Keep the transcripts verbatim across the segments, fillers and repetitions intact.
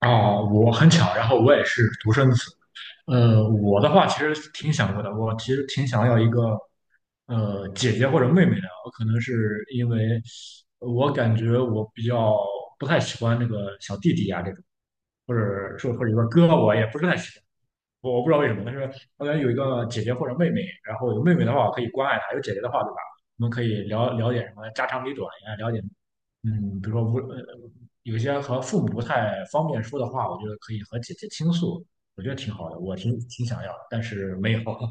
哦，我很巧，然后我也是独生子。呃，我的话其实挺想过的，我其实挺想要一个呃姐姐或者妹妹的。我可能是因为我感觉我比较不太喜欢那个小弟弟呀、这种，或者说或者说哥，我也不是太喜欢。我我不知道为什么，但是我感有一个姐姐或者妹妹，然后有妹妹的话，我可以关爱她；有姐姐的话，对吧？我们可以聊聊点什么家长里短呀，了解，嗯，比如说无呃，有一些和父母不太方便说的话，我觉得可以和姐姐倾诉，我觉得挺好的，我挺挺想要的，但是没有。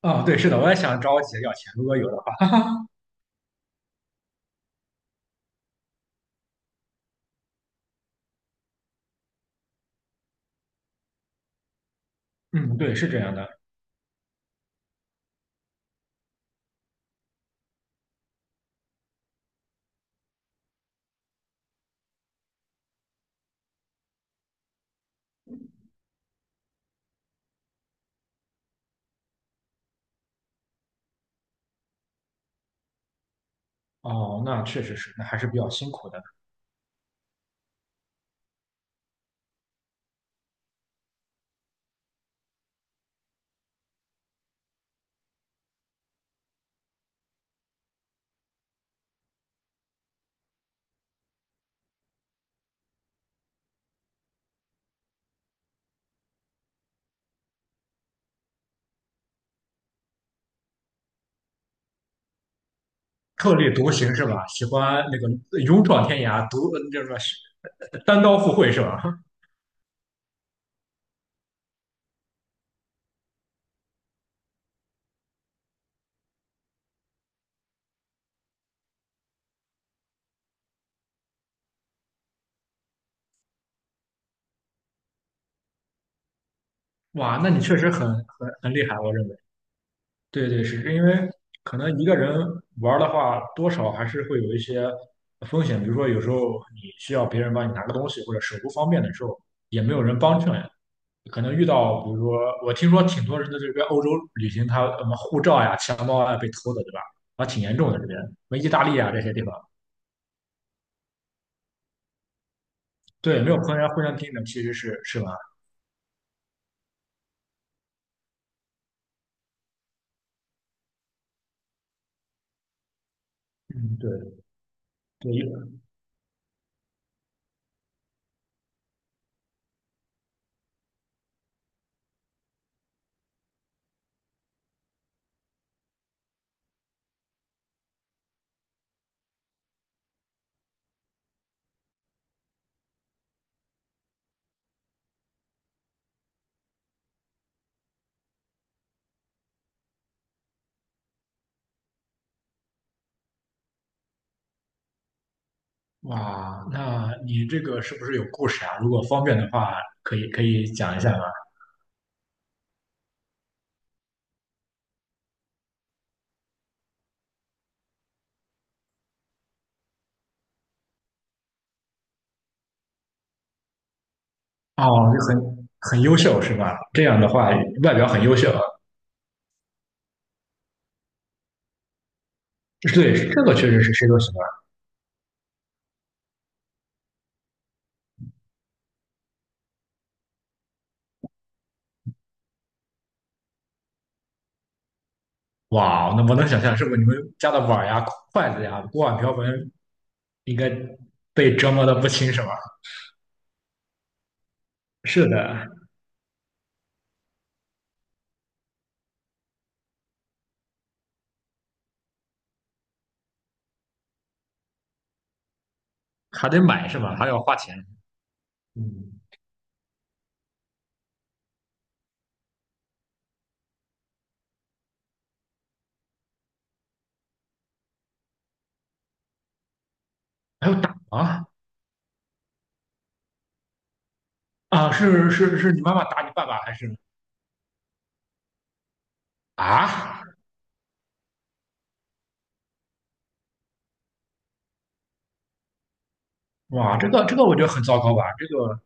啊、对，是的，我也想找我姐要钱，如果有的话。嗯，对，是这样的。哦，那确实是，那还是比较辛苦的。特立独行是吧？喜欢那个勇闯天涯，独那什么单刀赴会是吧？哇，那你确实很很很厉害，我认为。对对，是因为可能一个人玩儿的话，多少还是会有一些风险，比如说有时候你需要别人帮你拿个东西，或者手不方便的时候，也没有人帮衬。可能遇到，比如说我听说挺多人在这边欧洲旅行，他什么护照呀、钱包啊被偷的，对吧？啊，挺严重的这边，什么意大利啊这些地方。对，没有朋友互相盯着，其实是是吧？嗯，对对。哇，那你这个是不是有故事啊？如果方便的话，可以可以讲一下吗？哦，就很很优秀是吧？这样的话，外表很优秀，啊。对，这个确实是谁都喜欢。哇哦，那我能想象，是不是你们家的碗呀、筷子呀、锅碗瓢盆应该被折磨的不轻是吧？是的。还得买是吧？还要花钱。嗯。还要打吗？啊！是是是你妈妈打你爸爸还是啊？哇，这个这个我觉得很糟糕吧？这个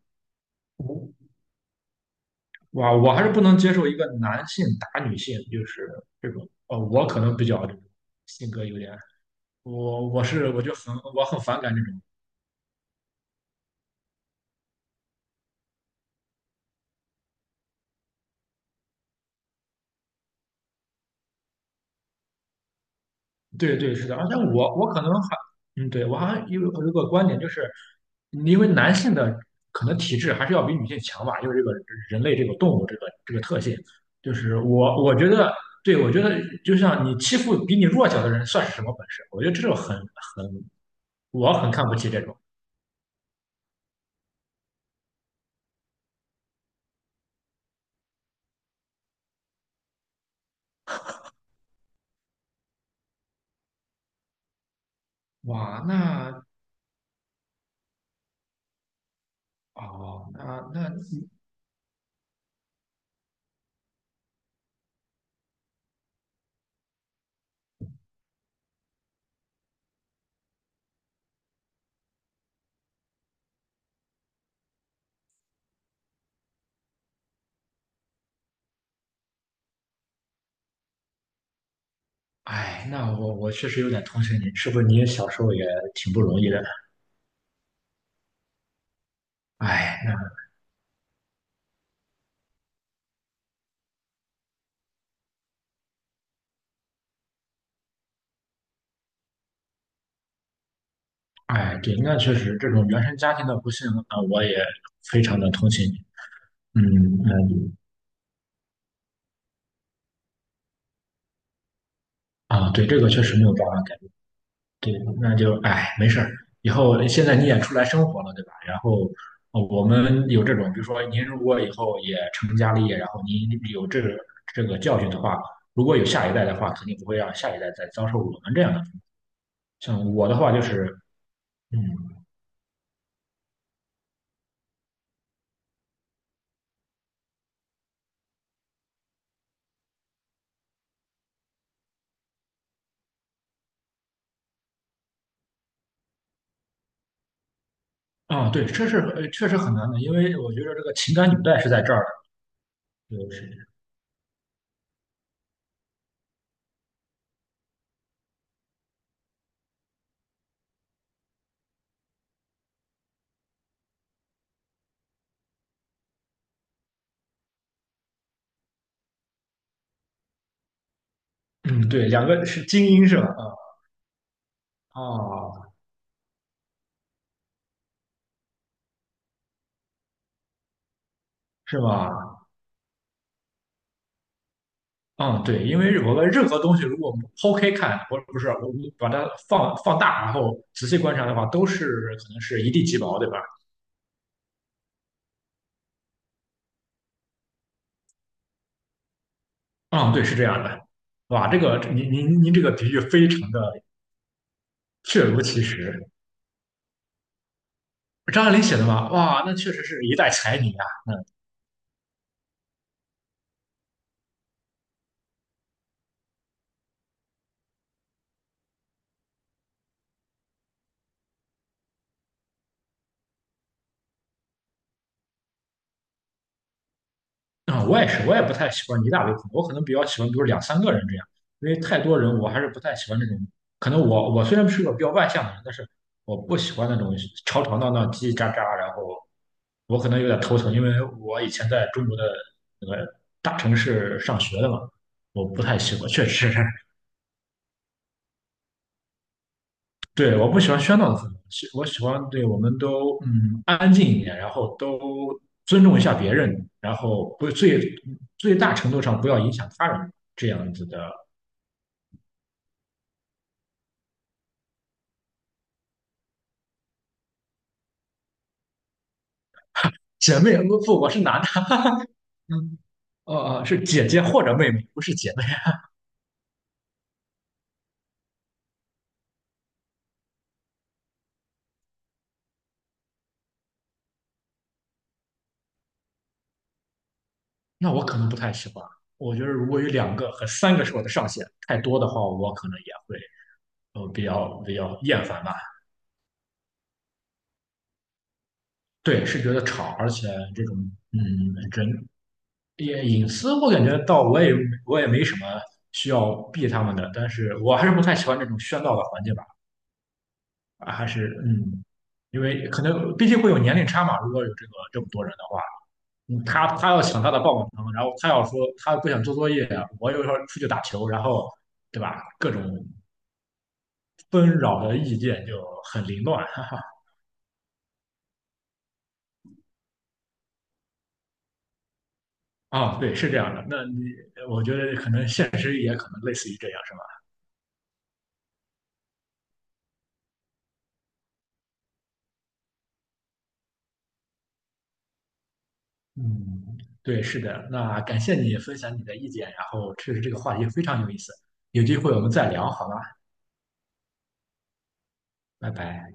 哇，我还是不能接受一个男性打女性，就是这种。呃，我可能比较这种性格有点，我我是我就很我很反感这种。对对，是的，而且我我可能还，嗯，对，我好像有有个观点，就是因为男性的可能体质还是要比女性强吧，因为这个人类这个动物这个这个特性，就是我我觉得，对我觉得就像你欺负比你弱小的人算是什么本事？我觉得这种很很，我很看不起这种。哇，那哦，那那，哎，那我我确实有点同情你，是不是你小时候也挺不容易的？哎，那哎，对，那确实这种原生家庭的不幸那我也非常的同情你。嗯嗯。啊，对，这个确实没有办法改变。对，那就哎，没事儿，以后现在你也出来生活了，对吧？然后呃我们有这种，比如说您如果以后也成家立业，然后您有这个这个教训的话，如果有下一代的话，肯定不会让下一代再遭受我们这样的。像我的话就是，嗯。啊，对，这是呃确实很难的，因为我觉得这个情感纽带是在这儿的，就是嗯。对，两个是精英是吧？啊啊，是吧？嗯，对，因为我们任何东西，如果我们剖开看，不不是我们把它放放大，然后仔细观察的话，都是可能是一地鸡毛，对吧？嗯，对，是这样的。哇，这个您您您这个比喻非常的确如其实。张爱玲写的嘛，哇，那确实是一代才女啊。啊、我也是，我也不太喜欢一大堆朋友，我可能比较喜欢，比如两三个人这样，因为太多人，我还是不太喜欢那种。可能我我虽然是个比较外向的人，但是我不喜欢那种吵吵闹闹、叽叽喳喳，然后我可能有点头疼，因为我以前在中国的那个大城市上学的嘛，我不太喜欢，确实。对，我不喜欢喧闹的氛围，喜我喜欢对我们都嗯安静一点，然后都尊重一下别人，然后不最最大程度上不要影响他人这样子的。姐妹，不不，我是男的，嗯，呃，是姐姐或者妹妹，不是姐妹。那我可能不太喜欢。我觉得如果有两个和三个是我的上限，太多的话，我可能也会呃比较比较厌烦吧。对，是觉得吵，而且这种嗯人也隐私，我感觉倒我也我也没什么需要避他们的，但是我还是不太喜欢这种喧闹的环境吧，啊还是嗯。因为可能毕竟会有年龄差嘛，如果有这个这么多人的话，嗯他他要抢他的棒棒糖，然后他要说他不想做作业啊，我有时候出去打球，然后对吧，各种纷扰的意见就很凌乱，哈哈，啊，对，是这样的，那你我觉得可能现实也可能类似于这样。是吧？嗯，对，是的。那感谢你分享你的意见，然后确实这个话题非常有意思，有机会我们再聊，好吗？拜拜。